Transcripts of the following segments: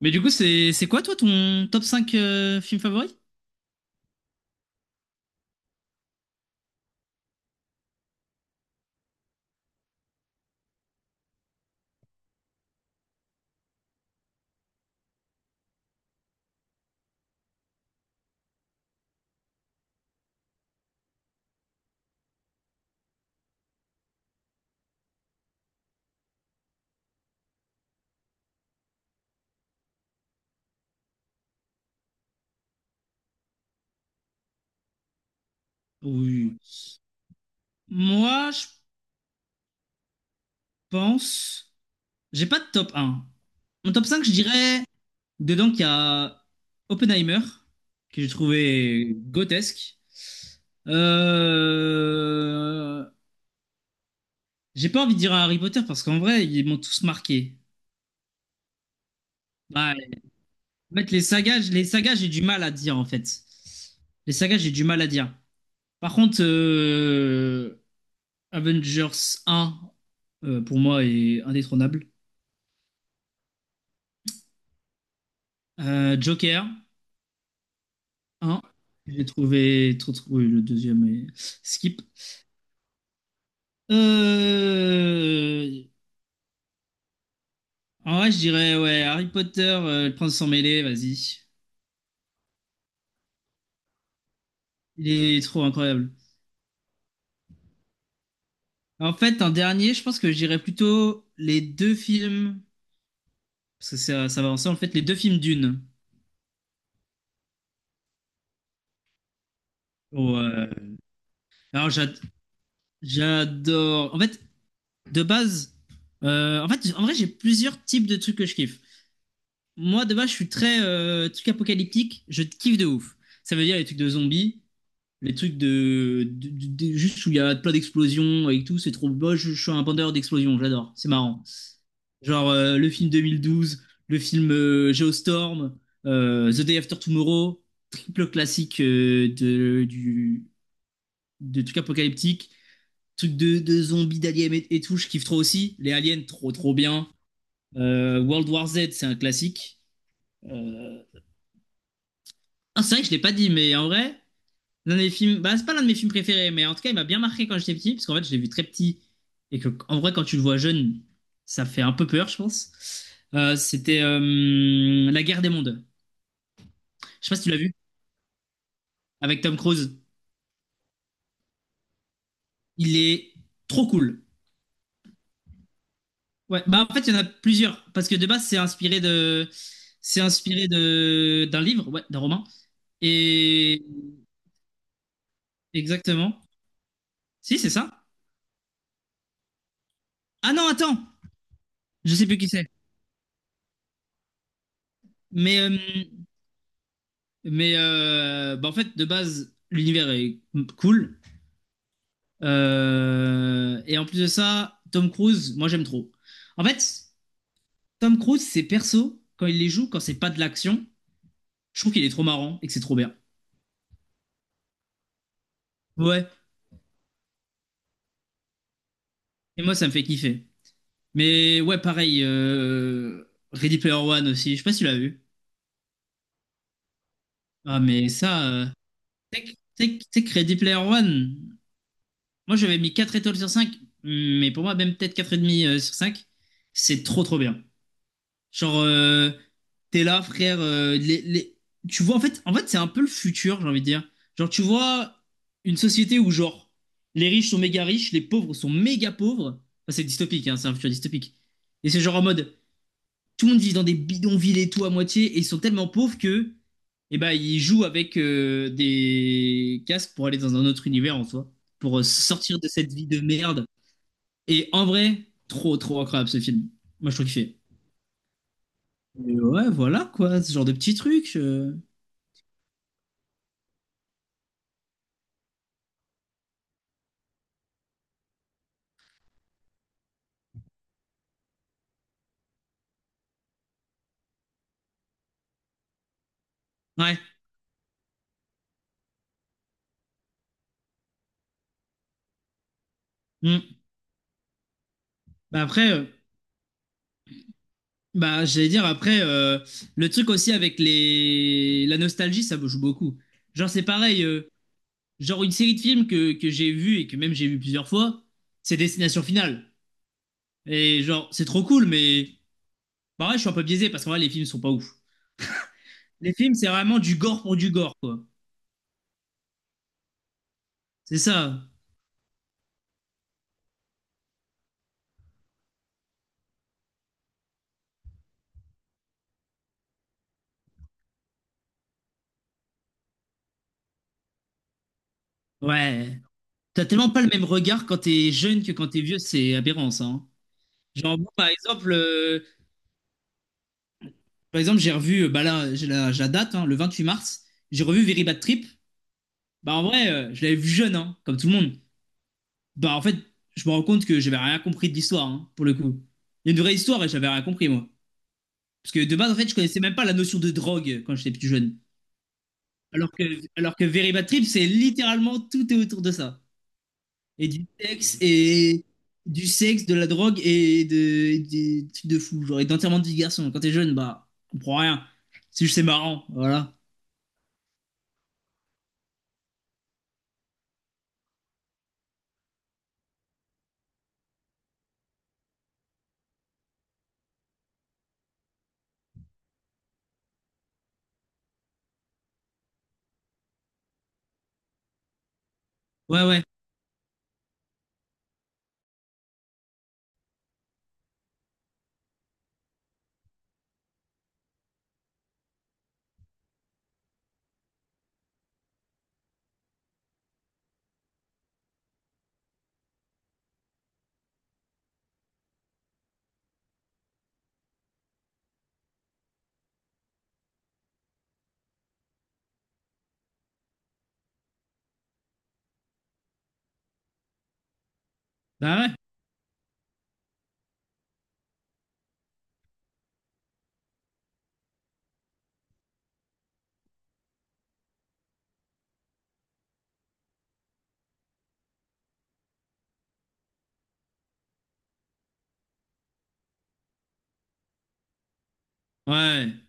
Mais du coup, c'est quoi toi ton top 5 film favori? Oui. Moi, je pense. J'ai pas de top un. Mon top 5, je dirais. Dedans, qu'il y a Oppenheimer, que j'ai trouvé grotesque. Euh... J'ai pas envie de dire un Harry Potter parce qu'en vrai, ils m'ont tous marqué. Ouais. En fait, les sagas, j'ai du mal à dire en fait. Les sagas, j'ai du mal à dire. Par contre, Avengers 1, pour moi, est indétrônable. Joker 1, trop trouvé le deuxième et skip. Euh, En vrai, je dirais, ouais, Harry Potter, le prince sans mêlé, vas-y. Il est trop incroyable. En fait, un dernier, je pense que je dirais plutôt les deux films, parce que ça va ensemble, en fait, les deux films Dune. Oh, euh, alors, j'adore. En fait, de base, en fait, en vrai, j'ai plusieurs types de trucs que je kiffe. Moi, de base, je suis très truc apocalyptique. Je kiffe de ouf. Ça veut dire les trucs de zombies, les trucs juste où il y a plein d'explosions et tout. C'est trop beau. Je suis un bandeur d'explosions. J'adore. C'est marrant. Genre le film 2012, le film Geostorm, The Day After Tomorrow, triple classique de trucs apocalyptiques, trucs de zombies, d'aliens et tout, je kiffe trop aussi. Les aliens, trop trop bien. World War Z, c'est un classique. Euh, Ah, c'est vrai que je l'ai pas dit, mais en vrai, l'un des films, bah, c'est pas l'un de mes films préférés, mais en tout cas, il m'a bien marqué quand j'étais petit, parce qu'en fait, je l'ai vu très petit, et que, en vrai, quand tu le vois jeune, ça fait un peu peur, je pense. C'était La Guerre des Mondes. Je sais pas si tu l'as vu, avec Tom Cruise. Il est trop cool. Ouais, bah, en fait, il y en a plusieurs, parce que de base, c'est inspiré de, d'un livre, ouais, d'un roman. Et, exactement. Si, c'est ça. Ah non, attends, je sais plus qui c'est. Mais euh, Mais bah, en fait, de base, l'univers est cool. Et en plus de ça, Tom Cruise, moi j'aime trop. En fait, Tom Cruise, ses persos, quand il les joue, quand c'est pas de l'action, je trouve qu'il est trop marrant et que c'est trop bien. Ouais. Et moi, ça me fait kiffer. Mais ouais, pareil, Ready Player One aussi. Je sais pas si tu l'as vu. Ah, mais ça. Tu sais que- tu sais que- Tu sais que Ready Player One, moi j'avais mis 4 étoiles sur 5 mais pour moi, même peut-être 4,5 sur 5 c'est trop trop bien. Genre, t'es là, frère. Tu vois, en fait, c'est un peu le futur, j'ai envie de dire. Genre, tu vois une société où, genre, les riches sont méga riches, les pauvres sont méga pauvres. Enfin, c'est dystopique, hein, c'est un futur dystopique. Et c'est genre en mode, tout le monde vit dans des bidonvilles et tout à moitié, et ils sont tellement pauvres que, eh ben, ils jouent avec des casques pour aller dans un autre univers en soi, pour sortir de cette vie de merde. Et en vrai, trop, trop incroyable ce film. Moi, je trouve qu'il fait. Et ouais, voilà quoi, ce genre de petits trucs. Ouais. Mm. Bah après, bah j'allais dire après le truc aussi avec les la nostalgie, ça me joue beaucoup. Genre c'est pareil, genre une série de films que j'ai vu et que même j'ai vu plusieurs fois, c'est Destination Finale. Et genre c'est trop cool, mais pareil, je suis un peu biaisé parce qu'en vrai les films sont pas ouf. Les films c'est vraiment du gore pour du gore quoi. C'est ça. Ouais. T'as tellement pas le même regard quand t'es jeune que quand t'es vieux, c'est aberrant ça, hein. Genre, moi, par exemple, j'ai revu, bah là, j'ai la date, hein, le 28 mars, j'ai revu Very Bad Trip. Bah en vrai, je l'avais vu jeune, hein, comme tout le monde. Bah en fait, je me rends compte que j'avais rien compris de l'histoire, hein, pour le coup. Il y a une vraie histoire et j'avais rien compris, moi. Parce que de base, en fait, je connaissais même pas la notion de drogue quand j'étais plus jeune. Alors que, alors que Very Bad Trip, c'est littéralement tout est autour de ça. Et du sexe, de la drogue et et des trucs de fou, genre, et d'enterrement de vie de garçon. Quand t'es jeune, bah, on comprend rien. C'est juste, c'est marrant, voilà. Ouais, ouais. Bah ouais. Ouais.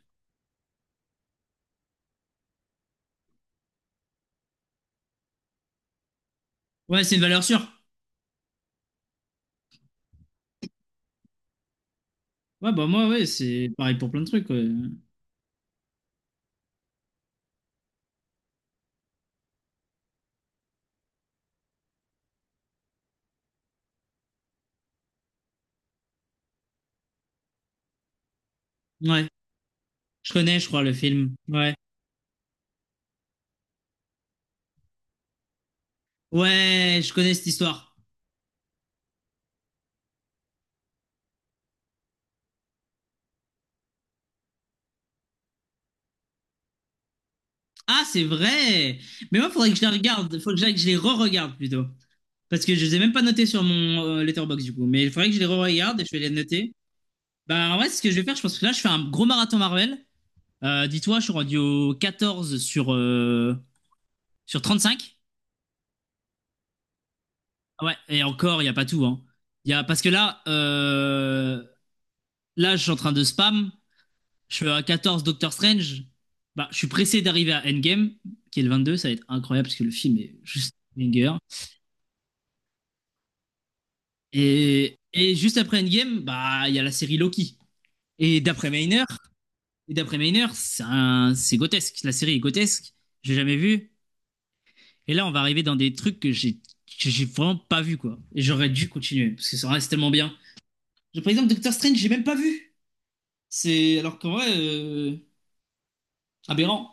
Ouais, c'est une valeur sûre. Ouais, bah moi, ouais, c'est pareil pour plein de trucs. Ouais. Ouais. Je connais, je crois, le film. Ouais. Ouais, je connais cette histoire. Ah, c'est vrai! Mais moi, faudrait que je la regarde. Faut que je les re-regarde plutôt. Parce que je les ai même pas notés sur mon Letterboxd du coup. Mais il faudrait que je les re-regarde et je vais les noter. Bah ouais, c'est ce que je vais faire. Je pense que là, je fais un gros marathon Marvel. Dis-toi, je suis rendu au 14 sur 35. Ouais, et encore, il n'y a pas tout, hein. Y a... Parce que là, je suis en train de spam. Je suis à 14, Doctor Strange. Bah, je suis pressé d'arriver à Endgame, qui est le 22. Ça va être incroyable parce que le film est juste banger. Et juste après Endgame, bah, il y a la série Loki. Et d'après Maynard, et d'après Maynard, c'est c'est grotesque. La série est grotesque. J'ai jamais vu. Et là, on va arriver dans des trucs que j'ai vraiment pas vu quoi. Et j'aurais dû continuer parce que ça reste tellement bien. Par exemple, Doctor Strange, j'ai même pas vu. C'est alors qu'en vrai, aberrant.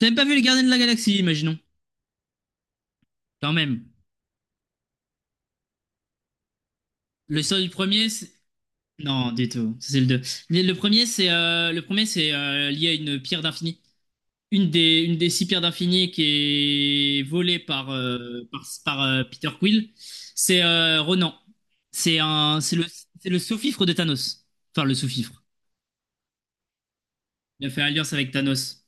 T'as même pas vu les Gardiens de la Galaxie, imaginons. Quand même. Le sort du premier, non, du tout. Ça, c'est le deux. Mais le premier, c'est lié à une pierre d'infini. Une des six pierres d'infini qui est volée par, Peter Quill, c'est Ronan. C'est un, c'est le, c'est le sous-fifre de Thanos. Enfin, le sous-fifre. Il a fait alliance avec Thanos.